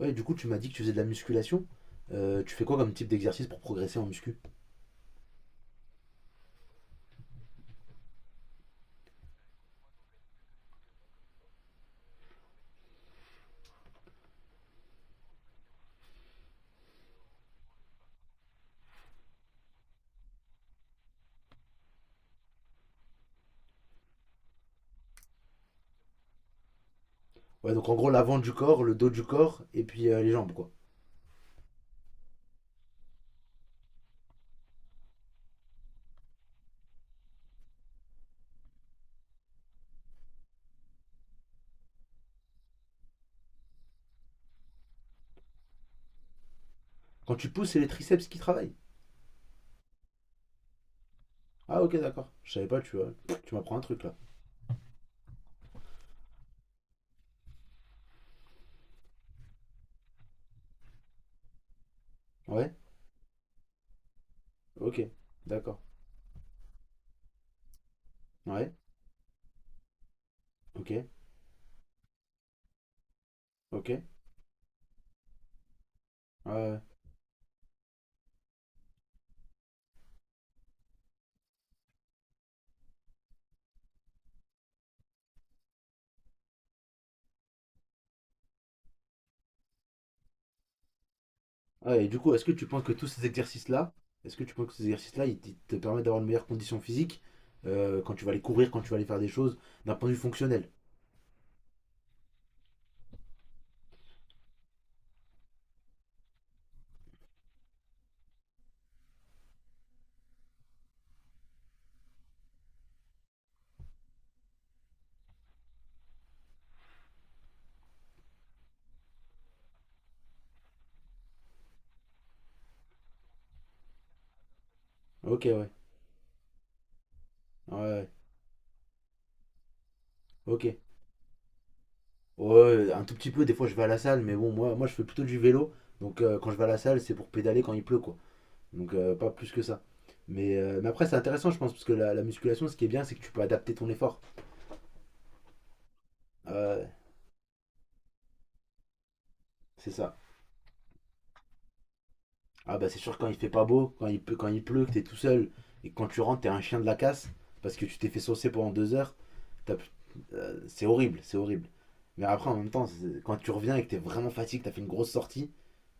Ouais, du coup, tu m'as dit que tu faisais de la musculation. Tu fais quoi comme type d'exercice pour progresser en muscu? Ouais, donc en gros, l'avant du corps, le dos du corps, et puis les jambes, quoi. Quand tu pousses, c'est les triceps qui travaillent. Ah, ok, d'accord. Je savais pas, tu vois. Tu m'apprends un truc, là. Ouais, ok, d'accord. Ouais, ok, ok. Ouais, ouais. Ouais, et du coup, est-ce que tu penses que tous ces exercices-là, est-ce que tu penses que ces exercices-là, ils te permettent d'avoir une meilleure condition physique quand tu vas aller courir, quand tu vas aller faire des choses d'un point de vue fonctionnel? Ok, ouais. Ouais, ouais. Ok. Ouais, un tout petit peu, des fois je vais à la salle, mais bon, moi je fais plutôt du vélo. Donc, quand je vais à la salle, c'est pour pédaler quand il pleut, quoi. Donc, pas plus que ça. Mais, après, c'est intéressant, je pense, parce que la musculation, ce qui est bien, c'est que tu peux adapter ton effort. Ouais, c'est ça. Ah bah c'est sûr, quand il fait pas beau, quand il, peut, quand il pleut, que t'es tout seul, et que quand tu rentres, t'es un chien de la casse, parce que tu t'es fait saucer pendant 2 heures, t'as plus- c'est horrible, c'est horrible. Mais après, en même temps, c'est, quand tu reviens et que t'es vraiment fatigué, que t'as fait une grosse sortie,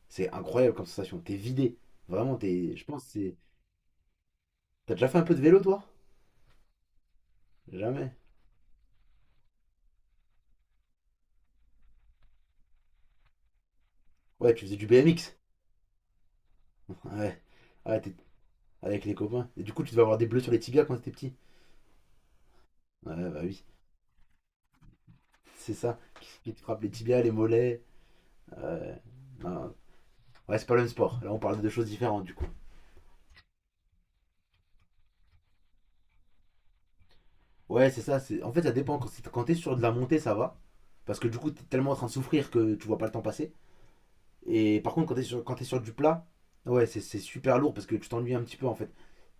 c'est incroyable comme sensation. T'es vidé. Vraiment, t'es, je pense, que c'est... T'as déjà fait un peu de vélo, toi? Jamais. Ouais, tu faisais du BMX. Ouais. Ouais, ah, t'es avec les copains. Et du coup, tu devais avoir des bleus sur les tibias quand t'étais petit. Ouais, bah oui, c'est ça. Qui te frappe les tibias, les mollets. euh, non. Ouais, c'est pas le même sport. Là, on parle de deux choses différentes, du coup. Ouais, c'est ça. En fait, ça dépend. Quand t'es sur de la montée, ça va. Parce que du coup, t'es tellement en train de souffrir que tu vois pas le temps passer. Et par contre, quand t'es sur du plat, ouais, c'est super lourd parce que tu t'ennuies un petit peu en fait.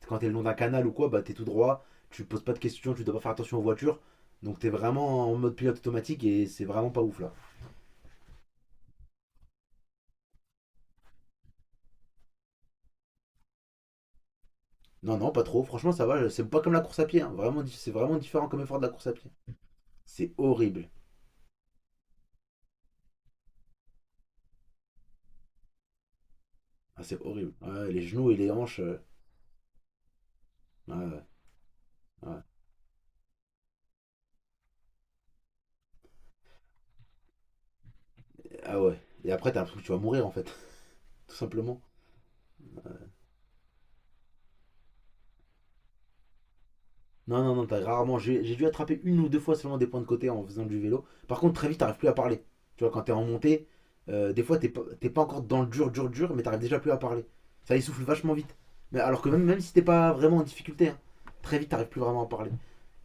Quand t'es le long d'un canal ou quoi, bah t'es tout droit, tu poses pas de questions, tu dois pas faire attention aux voitures. Donc t'es vraiment en mode pilote automatique et c'est vraiment pas ouf là. Non, non, pas trop. Franchement, ça va. C'est pas comme la course à pied, hein. Vraiment, c'est vraiment différent comme effort de la course à pied. C'est horrible. Ah, c'est horrible. Ouais, les genoux et les hanches. Ouais, ouais. Ah ouais. Et après, t'as l'impression que tu vas mourir en fait, tout simplement. Non, non, non, t'as rarement. J'ai dû attraper une ou deux fois seulement des points de côté en faisant du vélo. Par contre, très vite, t'arrives plus à parler. Tu vois, quand t'es en montée, des fois, t'es pas encore dans le dur, dur, dur, mais t'arrives déjà plus à parler. Ça essouffle vachement vite. Mais alors que même, même si t'es pas vraiment en difficulté, hein, très vite, t'arrives plus vraiment à parler.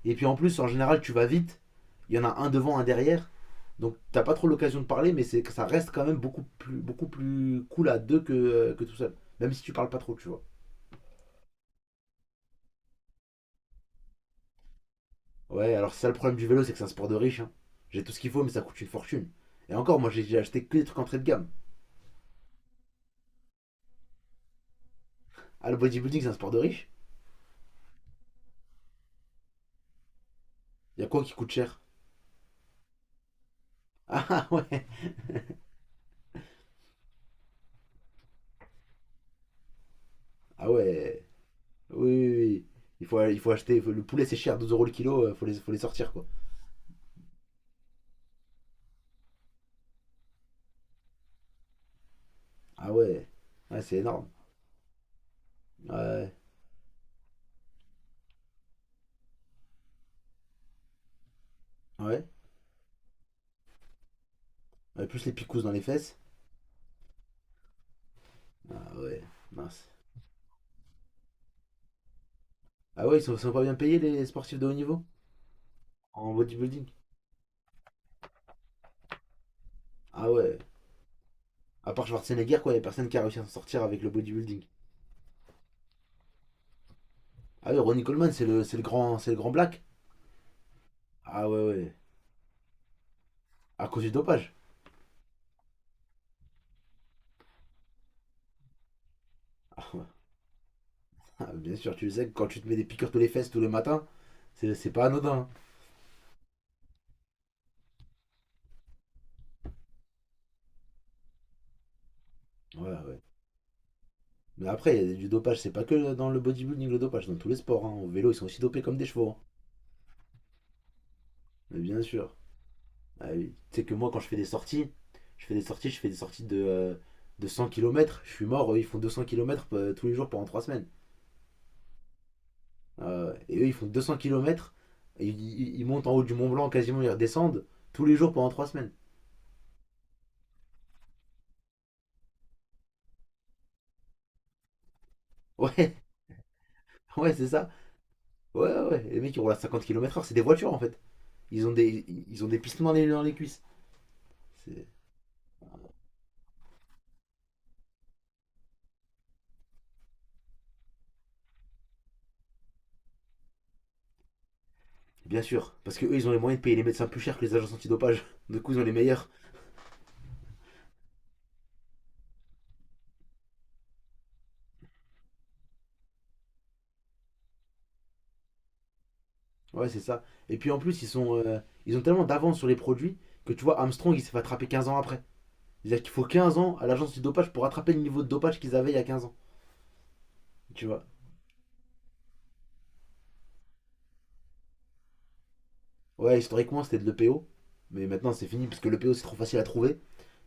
Et puis en plus, en général, tu vas vite. Il y en a un devant, un derrière. Donc t'as pas trop l'occasion de parler, mais c'est ça reste quand même beaucoup plus cool à deux que tout seul. Même si tu parles pas trop, tu vois. Ouais, alors c'est ça le problème du vélo, c'est que c'est un sport de riche, hein. J'ai tout ce qu'il faut, mais ça coûte une fortune. Et encore, moi j'ai acheté que des trucs entrée de gamme. Ah, le bodybuilding, c'est un sport de riche? Y a quoi qui coûte cher? Ah ouais. Ah ouais. Oui, oui, oui. Oui. Il faut acheter. Le poulet, c'est cher, 12 € le kilo, faut les sortir quoi. Ah ouais. Ouais, c'est énorme. Ouais. Ouais. Ouais, plus les picousses dans les fesses. Ah ouais, mince. Ah ouais, ils sont pas bien payés les sportifs de haut niveau? En bodybuilding? Ah ouais. À part Schwarzenegger, quoi, y a personne qui a réussi à s'en sortir avec le bodybuilding. Ah oui, Ronnie Coleman, c'est le grand black. Ah ouais, ouais. À cause du dopage. Bien sûr, tu le sais, quand tu te mets des piqûres tous les fesses tous les matins, c'est pas anodin, hein. Ouais, ouais. Mais après, il y a du dopage, c'est pas que dans le bodybuilding le dopage, dans tous les sports, hein. Au vélo, ils sont aussi dopés comme des chevaux, hein. Mais bien sûr. Ah oui. Tu sais que moi, quand je fais des sorties de 100 kilomètres. Je suis mort, eux, ils font 200 kilomètres tous les jours pendant 3 semaines. Et eux, ils font 200 kilomètres. Ils montent en haut du Mont Blanc quasiment, ils redescendent tous les jours pendant 3 semaines. Ouais, ouais, c'est ça. Ouais, ouais, ouais. Les mecs, ils roulent à 50 km/h, c'est des voitures en fait. Ils ont des pistons dans les cuisses. C'est- Bien sûr, parce que eux, ils ont les moyens de payer les médecins plus cher que les agences antidopage. Du coup, ils ont les meilleurs. Ouais, c'est ça. Et puis en plus, ils ont tellement d'avance sur les produits que tu vois, Armstrong, il s'est fait attraper 15 ans après. C'est-à-dire qu'il faut 15 ans à l'agence antidopage pour attraper le niveau de dopage qu'ils avaient il y a 15 ans. Tu vois. Ouais, historiquement, c'était de l'EPO. Mais maintenant, c'est fini parce que le l'EPO, c'est trop facile à trouver.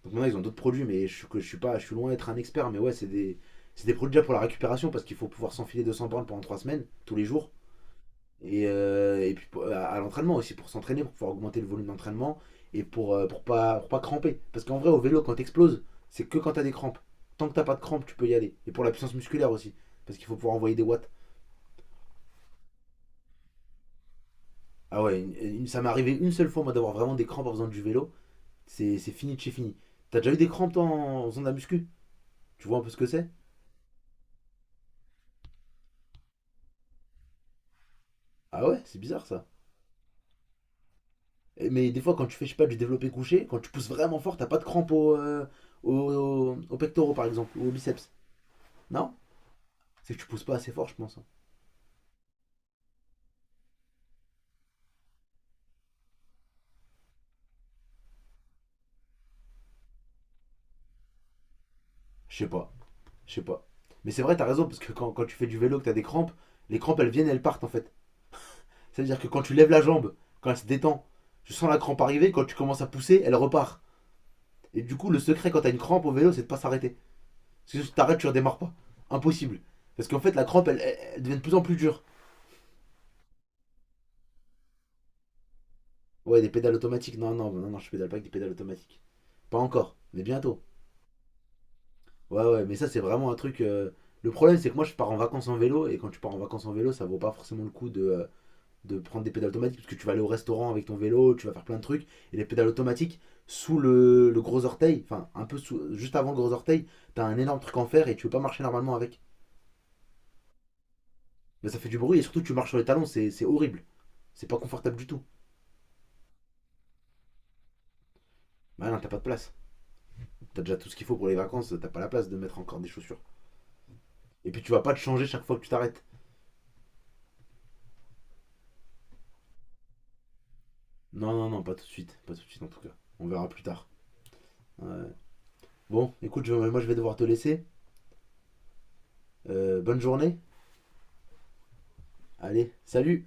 Donc maintenant, ils ont d'autres produits, mais je, suis- que je suis pas, je suis loin d'être un expert. Mais ouais, c'est des produits déjà pour la récupération parce qu'il faut pouvoir s'enfiler 200 bornes pendant 3 semaines, tous les jours. Et puis à l'entraînement aussi, pour s'entraîner, pour pouvoir augmenter le volume d'entraînement et pour pas cramper. Parce qu'en vrai, au vélo, quand t'exploses, c'est que quand t'as des crampes. Tant que t'as pas de crampes, tu peux y aller. Et pour la puissance musculaire aussi, parce qu'il faut pouvoir envoyer des watts. Ah ouais, ça m'est arrivé une seule fois, moi, d'avoir vraiment des crampes en faisant du vélo. C'est fini de chez fini. T'as déjà eu des crampes, toi, en faisant de la muscu? Tu vois un peu ce que c'est? Ah ouais, c'est bizarre ça. Mais des fois, quand tu fais, je sais pas, du développé couché, quand tu pousses vraiment fort, t'as pas de crampe au pectoraux, par exemple, ou au biceps. Non? C'est que tu pousses pas assez fort, je pense, hein. Je sais pas, je sais pas. Mais c'est vrai, t'as raison, parce que quand tu fais du vélo, que t'as des crampes, les crampes, elles viennent, elles partent, en fait. C'est-à-dire que quand tu lèves la jambe, quand elle se détend, tu sens la crampe arriver, quand tu commences à pousser, elle repart. Et du coup, le secret quand t'as une crampe au vélo, c'est de pas s'arrêter. Parce que si t'arrêtes, tu redémarres pas. Impossible. Parce qu'en fait, la crampe, elle devient de plus en plus dure. Ouais, des pédales automatiques. Non, non, non, non, je pédale pas avec des pédales automatiques. Pas encore, mais bientôt. Ouais, ouais, mais ça, c'est vraiment un truc. Le problème, c'est que moi, je pars en vacances en vélo, et quand tu pars en vacances en vélo, ça vaut pas forcément le coup de prendre des pédales automatiques, parce que tu vas aller au restaurant avec ton vélo, tu vas faire plein de trucs, et les pédales automatiques, sous le gros orteil, enfin, un peu sous, juste avant le gros orteil, t'as un énorme truc en fer, et tu peux pas marcher normalement avec. Mais ça fait du bruit, et surtout, tu marches sur les talons, c'est horrible. C'est pas confortable du tout. Bah non, t'as pas de place. T'as déjà tout ce qu'il faut pour les vacances, t'as pas la place de mettre encore des chaussures. Et puis tu vas pas te changer chaque fois que tu t'arrêtes. Non, non, non, pas tout de suite. Pas tout de suite en tout cas. On verra plus tard. Ouais. Bon, écoute, moi je vais devoir te laisser. Bonne journée. Allez, salut.